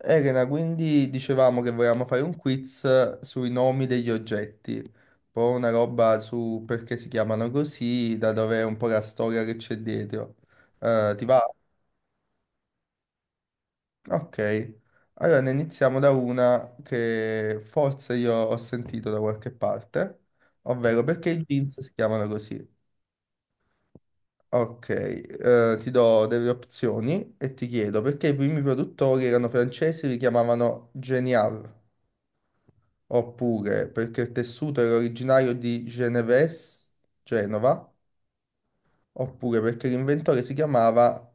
Elena, quindi dicevamo che volevamo fare un quiz sui nomi degli oggetti, poi una roba su perché si chiamano così, da dove è un po' la storia che c'è dietro. Ti va? Ok. Allora ne iniziamo da una che forse io ho sentito da qualche parte, ovvero perché i jeans si chiamano così. Ok, ti do delle opzioni e ti chiedo perché i primi produttori erano francesi e li chiamavano Genial, oppure perché il tessuto era originario di Geneves, Genova, oppure perché l'inventore si chiamava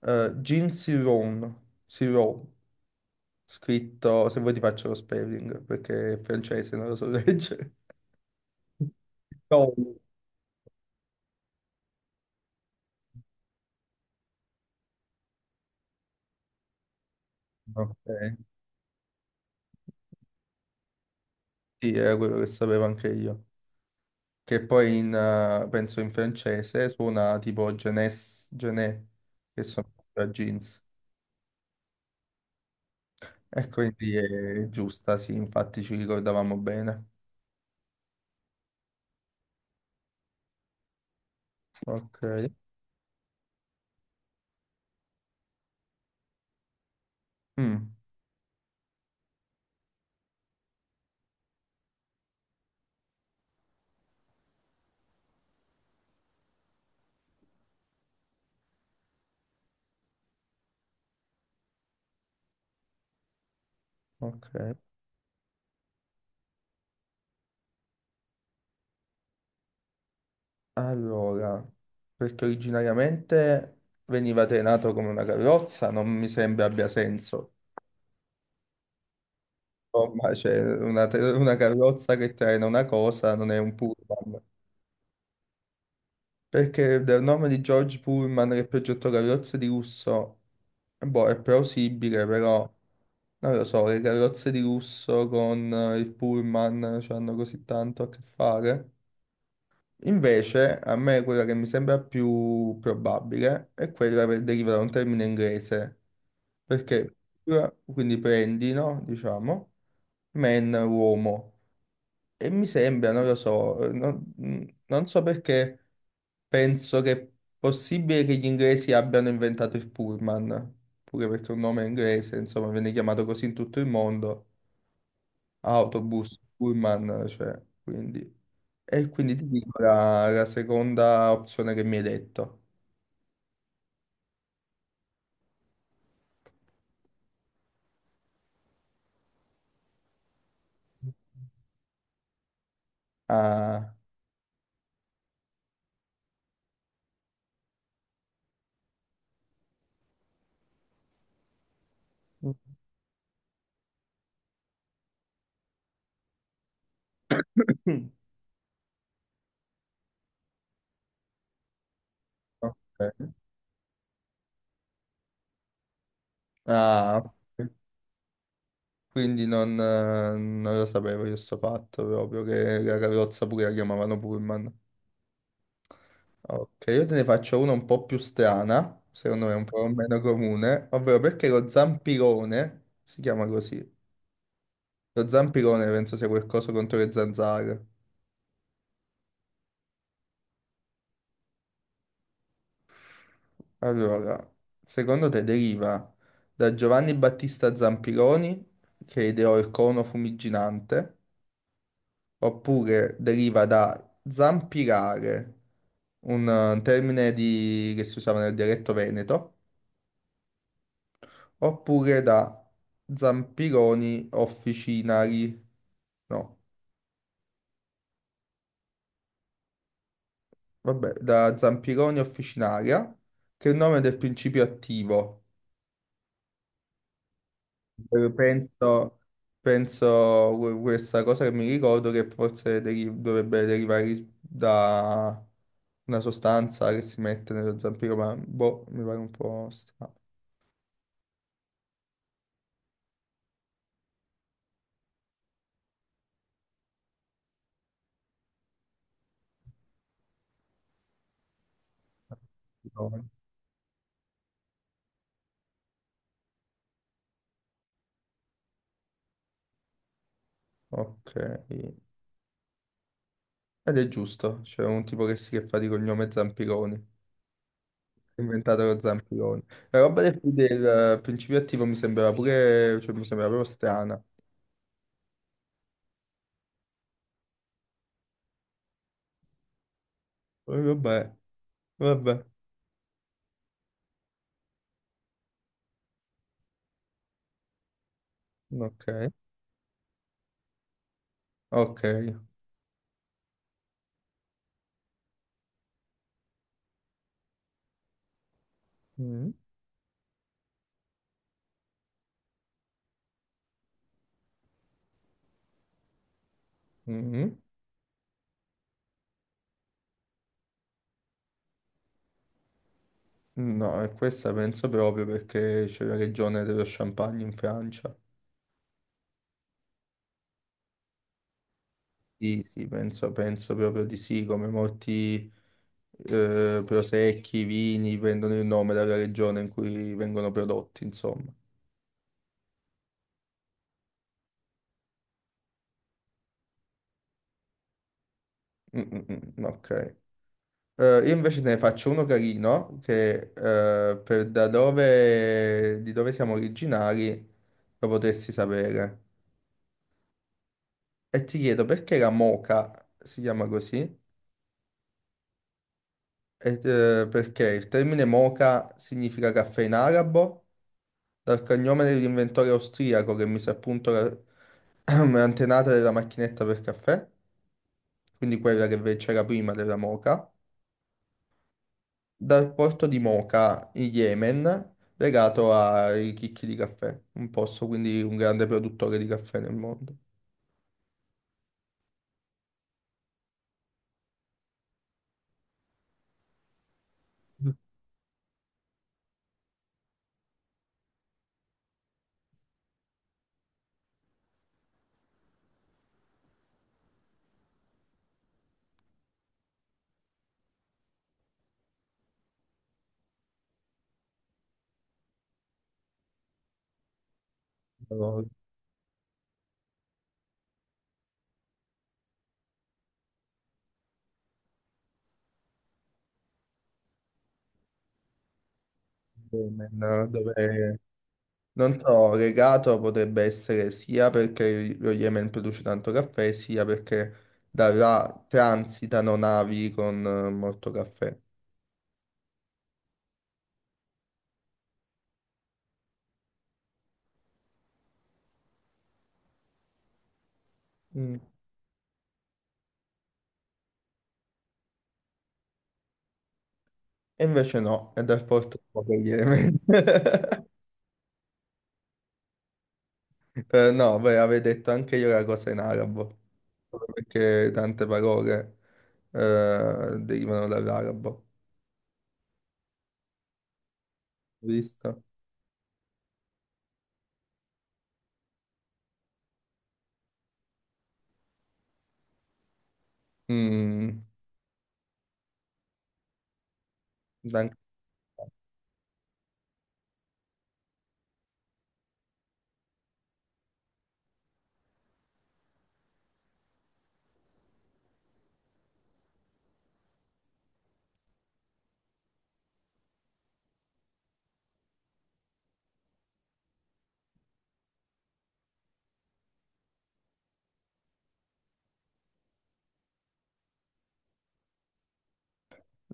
Jean Siron, Siron, scritto. Se vuoi ti faccio lo spelling, perché è francese, non lo so leggere. Siron, ok. Sì, era quello che sapevo anche io, che poi penso in francese suona tipo Genes, Gené, che sono jeans. E quindi è giusta, sì, infatti ci ricordavamo bene. Ok. Mm. Ok. Allora, perché originariamente veniva trainato come una carrozza, non mi sembra abbia senso. Insomma, c'è una carrozza che traina una cosa, non è un pullman. Perché del nome di George Pullman, che progettò carrozze di lusso, boh, è plausibile, però non lo so, le carrozze di lusso con il pullman, cioè, hanno così tanto a che fare. Invece, a me quella che mi sembra più probabile è quella che deriva da un termine inglese, perché quindi prendi, no? Diciamo, man, uomo, e mi sembra, non lo so, non so perché penso che è possibile che gli inglesi abbiano inventato il pullman, pure perché è un nome inglese, insomma, viene chiamato così in tutto il mondo, autobus, pullman, cioè, quindi... E quindi ti dico la seconda opzione che mi hai detto. Ah. Mm. Ok. Ah, quindi non lo sapevo io sto fatto proprio, che la carrozza pure la chiamavano Pullman. Ok, io te ne faccio una un po' più strana, secondo me un po' meno comune, ovvero perché lo zampirone si chiama così. Lo zampirone penso sia quel coso contro le zanzare. Allora, secondo te deriva da Giovanni Battista Zampironi, che ideò il cono fumiginante, oppure deriva da zampirare, un termine che si usava nel dialetto veneto, oppure da zampironi officinari, no, vabbè, da zampironi officinaria, che è il nome del principio attivo. Eh, Penso, questa cosa che mi ricordo, che forse dovrebbe derivare da una sostanza che si mette nello zampiro, ma boh, mi pare un po' strano. Zampironi. Ok. Ed è giusto, c'è un tipo che, si, che fa di cognome Zampironi, ha inventato lo Zampironi. La roba del principio attivo mi sembrava pure, cioè mi sembrava proprio strana. Poi vabbè, vabbè, ok, ok. Mm, mm. Mm. No, e questa penso proprio perché c'è la regione dello Champagne in Francia. Sì, sì, penso proprio di sì, come molti... prosecchi, vini, prendono il nome dalla regione in cui vengono prodotti, insomma. Mm, mm, mm, mm, ok. Io invece te ne faccio uno carino che, di dove siamo originari, lo potresti sapere. E ti chiedo perché la moka si chiama così. E, perché il termine moka significa caffè in arabo, dal cognome dell'inventore austriaco che mise a punto la, antenata della macchinetta per caffè, quindi quella che c'era prima della Moca, dal porto di Moca in Yemen, legato ai chicchi di caffè, un posto quindi un grande produttore di caffè nel mondo. Però il Yemen, dove non so, legato potrebbe essere sia perché lo Yemen produce tanto caffè, sia perché da là transitano navi con molto caffè. Mm. E invece no, è dal porto di Moca in Yemen. No, beh, avevo detto anche io la cosa in arabo, perché tante parole derivano dall'arabo, visto? Mm, dan-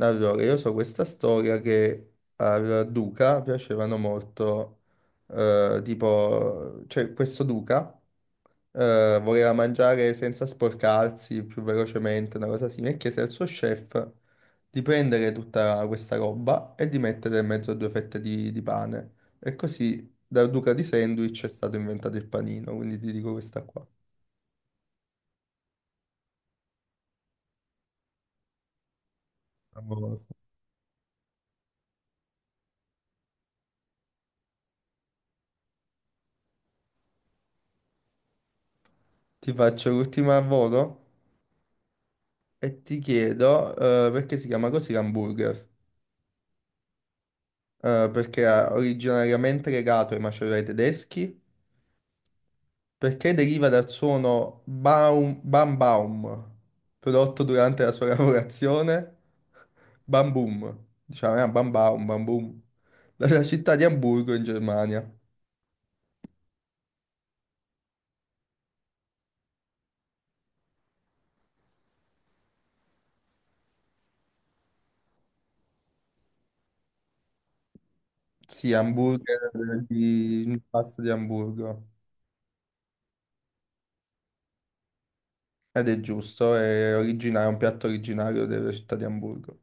Allora, io so questa storia che al duca piacevano molto, tipo, c'è questo duca, voleva mangiare senza sporcarsi più velocemente, una cosa simile, e chiese al suo chef di prendere tutta questa roba e di mettere in mezzo a due fette di pane. E così dal duca di Sandwich è stato inventato il panino, quindi ti dico questa qua. Favoloso. Ti faccio l'ultima a volo e ti chiedo, perché si chiama così l'hamburger. Perché era originariamente legato ai macerai tedeschi, perché deriva dal suono baum, bam baum, prodotto durante la sua lavorazione, bam boom, diciamo, bam baum, bam boom, dalla città di Amburgo in Germania. Sì, hamburger di pasta di Amburgo. Ed è giusto, è un piatto originario della città di Amburgo.